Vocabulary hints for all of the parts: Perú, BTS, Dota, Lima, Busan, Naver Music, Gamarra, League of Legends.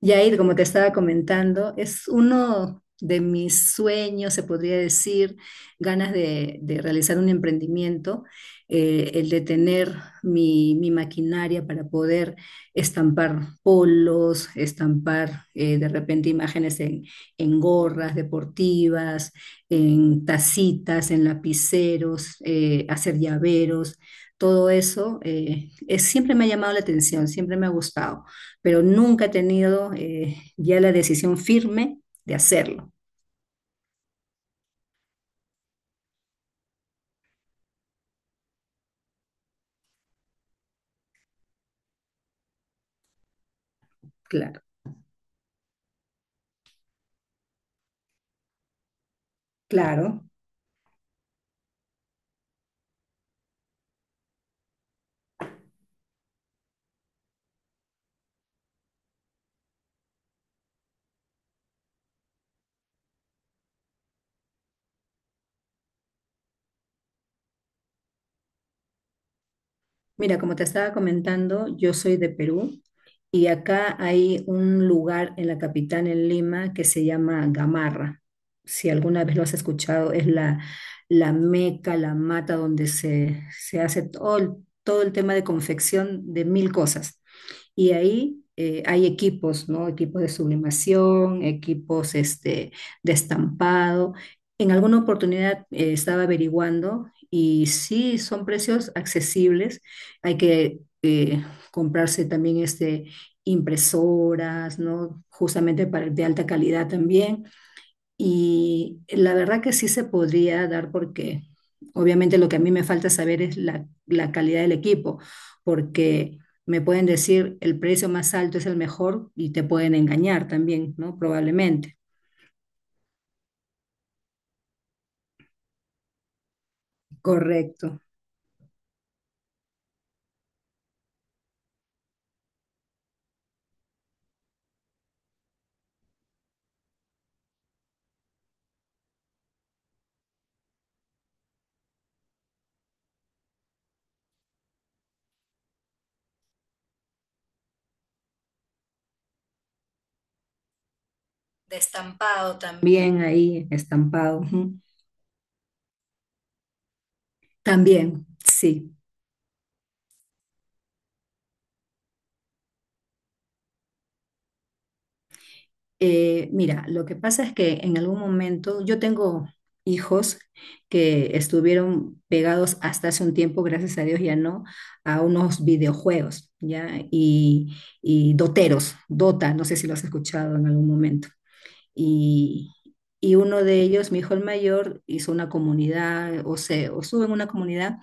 Yair, como te estaba comentando, es uno de mis sueños, se podría decir, ganas de realizar un emprendimiento, el de tener mi maquinaria para poder estampar polos, estampar de repente imágenes en gorras deportivas, en tacitas, en lapiceros, hacer llaveros. Todo eso siempre me ha llamado la atención, siempre me ha gustado, pero nunca he tenido ya la decisión firme de hacerlo. Claro, claro. Mira, como te estaba comentando, yo soy de Perú y acá hay un lugar en la capital, en Lima, que se llama Gamarra. Si alguna vez lo has escuchado, es la meca, la mata donde se hace todo el tema de confección de mil cosas. Y ahí hay equipos, ¿no? Equipos de sublimación, equipos este, de estampado. En alguna oportunidad estaba averiguando y sí, son precios accesibles. Hay que comprarse también este, impresoras, ¿no? Justamente para, de alta calidad también. Y la verdad que sí se podría dar, porque obviamente lo que a mí me falta saber es la calidad del equipo, porque me pueden decir el precio más alto es el mejor y te pueden engañar también, ¿no? Probablemente. Correcto. De estampado también. Bien ahí, estampado. Ujú. También, sí. Mira, lo que pasa es que en algún momento yo tengo hijos que estuvieron pegados hasta hace un tiempo, gracias a Dios ya no, a unos videojuegos, ¿ya? Y doteros, Dota, no sé si lo has escuchado en algún momento y, y uno de ellos, mi hijo el mayor, hizo una comunidad o se o sube en una comunidad,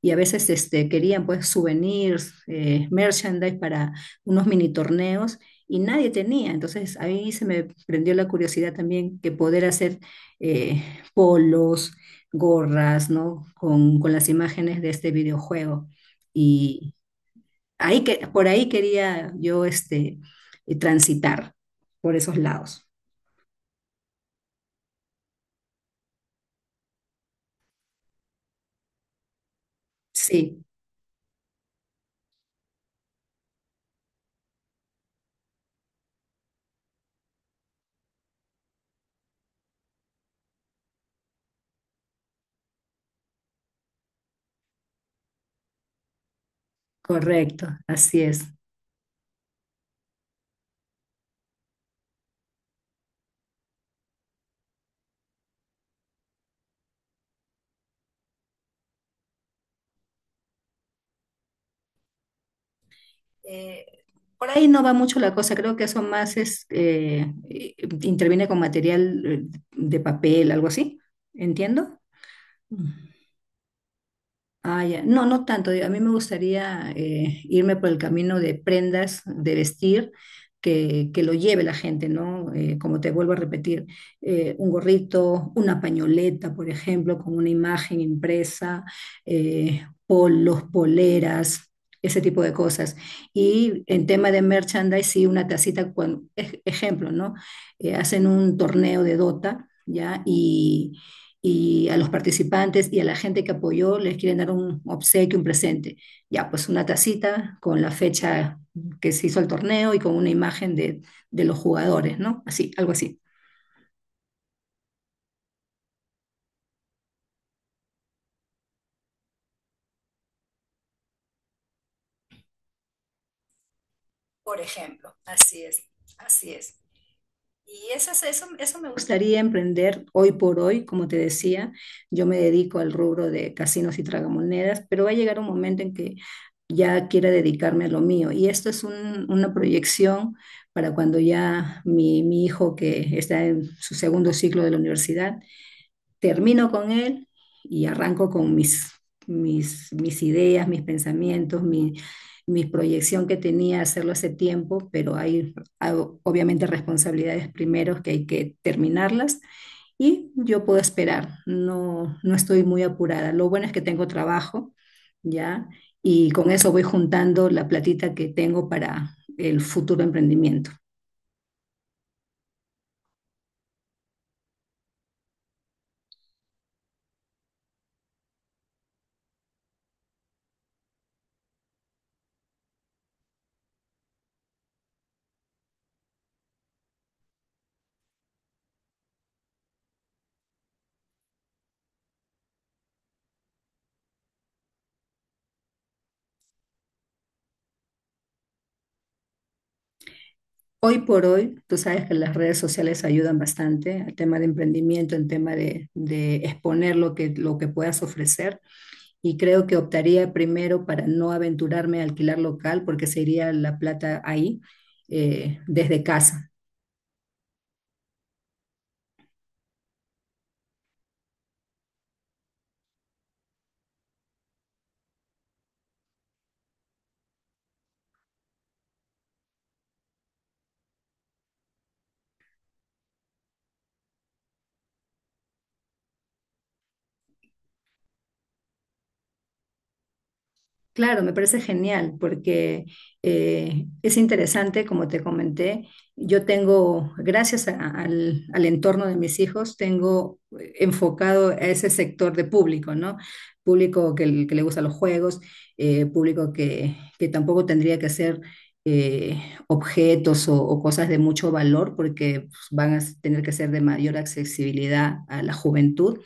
y a veces este, querían pues souvenirs, merchandise para unos mini torneos y nadie tenía. Entonces ahí se me prendió la curiosidad también, que poder hacer eh, polos, gorras, ¿no? Con las imágenes de este videojuego. Y ahí que, por ahí quería yo este, transitar, por esos lados. Sí. Correcto, así es. Eh, Por ahí no va mucho la cosa, creo que eso más es, interviene con material de papel, algo así, ¿entiendo? Ah, ya. No, no tanto. Digo, a mí me gustaría irme por el camino de prendas, de vestir, que lo lleve la gente, ¿no? Como te vuelvo a repetir, un gorrito, una pañoleta, por ejemplo, con una imagen impresa, polos, poleras. Ese tipo de cosas. Y en tema de merchandise, sí, una tacita, cuando, ejemplo, ¿no? Hacen un torneo de Dota, ¿ya? Y a los participantes y a la gente que apoyó les quieren dar un obsequio, un presente. Ya, pues una tacita con la fecha que se hizo el torneo y con una imagen de los jugadores, ¿no? Así, algo así. Por ejemplo, así es, así es. Y eso, eso, eso me gustaría emprender hoy por hoy. Como te decía, yo me dedico al rubro de casinos y tragamonedas, pero va a llegar un momento en que ya quiera dedicarme a lo mío. Y esto es una proyección para cuando ya mi hijo, que está en su segundo ciclo de la universidad, termino con él y arranco con mis ideas, mis pensamientos, mi proyección, que tenía hacerlo hace tiempo, pero hay obviamente responsabilidades primero que hay que terminarlas, y yo puedo esperar. No, no estoy muy apurada. Lo bueno es que tengo trabajo, ¿ya? Y con eso voy juntando la platita que tengo para el futuro emprendimiento. Hoy por hoy, tú sabes que las redes sociales ayudan bastante al tema de emprendimiento, en tema de exponer lo que puedas ofrecer. Y creo que optaría primero para no aventurarme a alquilar local, porque se iría la plata ahí, desde casa. Claro, me parece genial porque es interesante, como te comenté, yo tengo, gracias al entorno de mis hijos, tengo enfocado a ese sector de público, ¿no? Público que le gusta los juegos, público que tampoco tendría que ser eh, objetos o cosas de mucho valor, porque pues, van a tener que ser de mayor accesibilidad a la juventud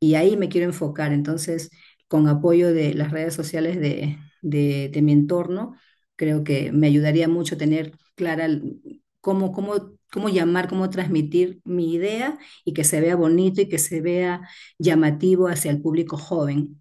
y ahí me quiero enfocar. Entonces, con apoyo de las redes sociales de mi entorno, creo que me ayudaría mucho tener clara cómo, cómo llamar, cómo transmitir mi idea y que se vea bonito y que se vea llamativo hacia el público joven.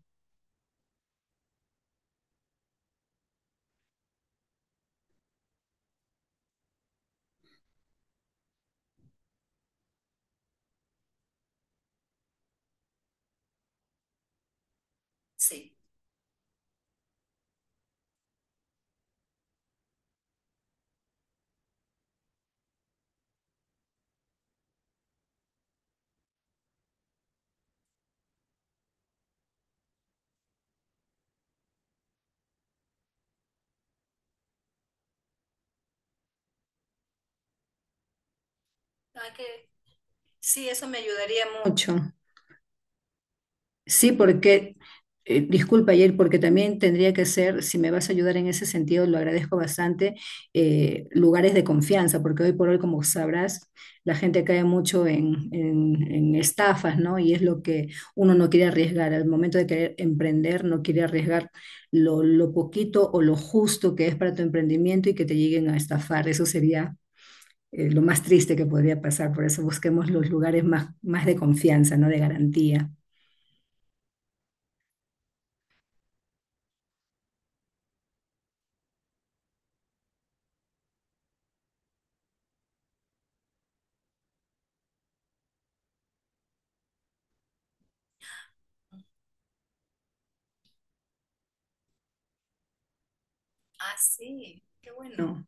Sí, eso me ayudaría mucho. Sí, porque, disculpa, Yair, porque también tendría que ser, si me vas a ayudar en ese sentido, lo agradezco bastante, lugares de confianza, porque hoy por hoy, como sabrás, la gente cae mucho en estafas, ¿no? Y es lo que uno no quiere arriesgar. Al momento de querer emprender, no quiere arriesgar lo poquito o lo justo que es para tu emprendimiento, y que te lleguen a estafar. Eso sería, lo más triste que podría pasar. Por eso busquemos los lugares más de confianza, ¿no? De garantía. ¿No?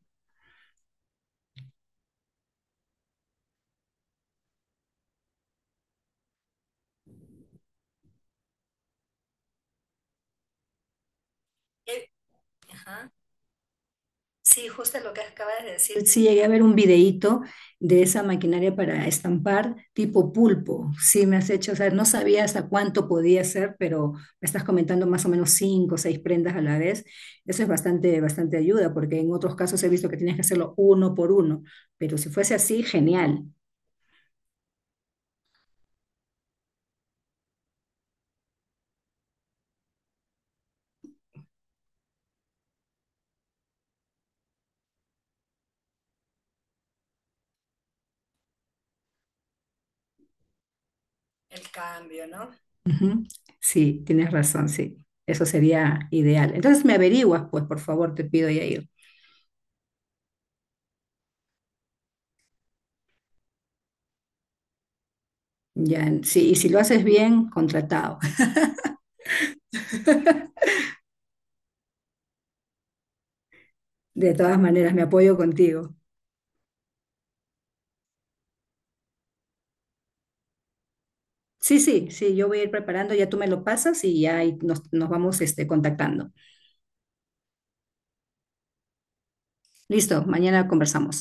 Sí, justo lo que acabas de decir. Sí, llegué a ver un videíto de esa maquinaria para estampar tipo pulpo. Sí, me has hecho, o sea, no sabía hasta cuánto podía ser, pero me estás comentando más o menos cinco o seis prendas a la vez. Eso es bastante, bastante ayuda, porque en otros casos he visto que tienes que hacerlo uno por uno, pero si fuese así, genial. Ujú. Sí, tienes razón, sí. Eso sería ideal. Entonces me averiguas, pues, por favor, te pido, Yair. Ya, sí, y si lo haces bien, contratado. De todas maneras, me apoyo contigo. Sí, sí, sí, yo voy a ir preparando, ya tú me lo pasas y ya ahí nos vamos este, contactando. Listo, mañana conversamos.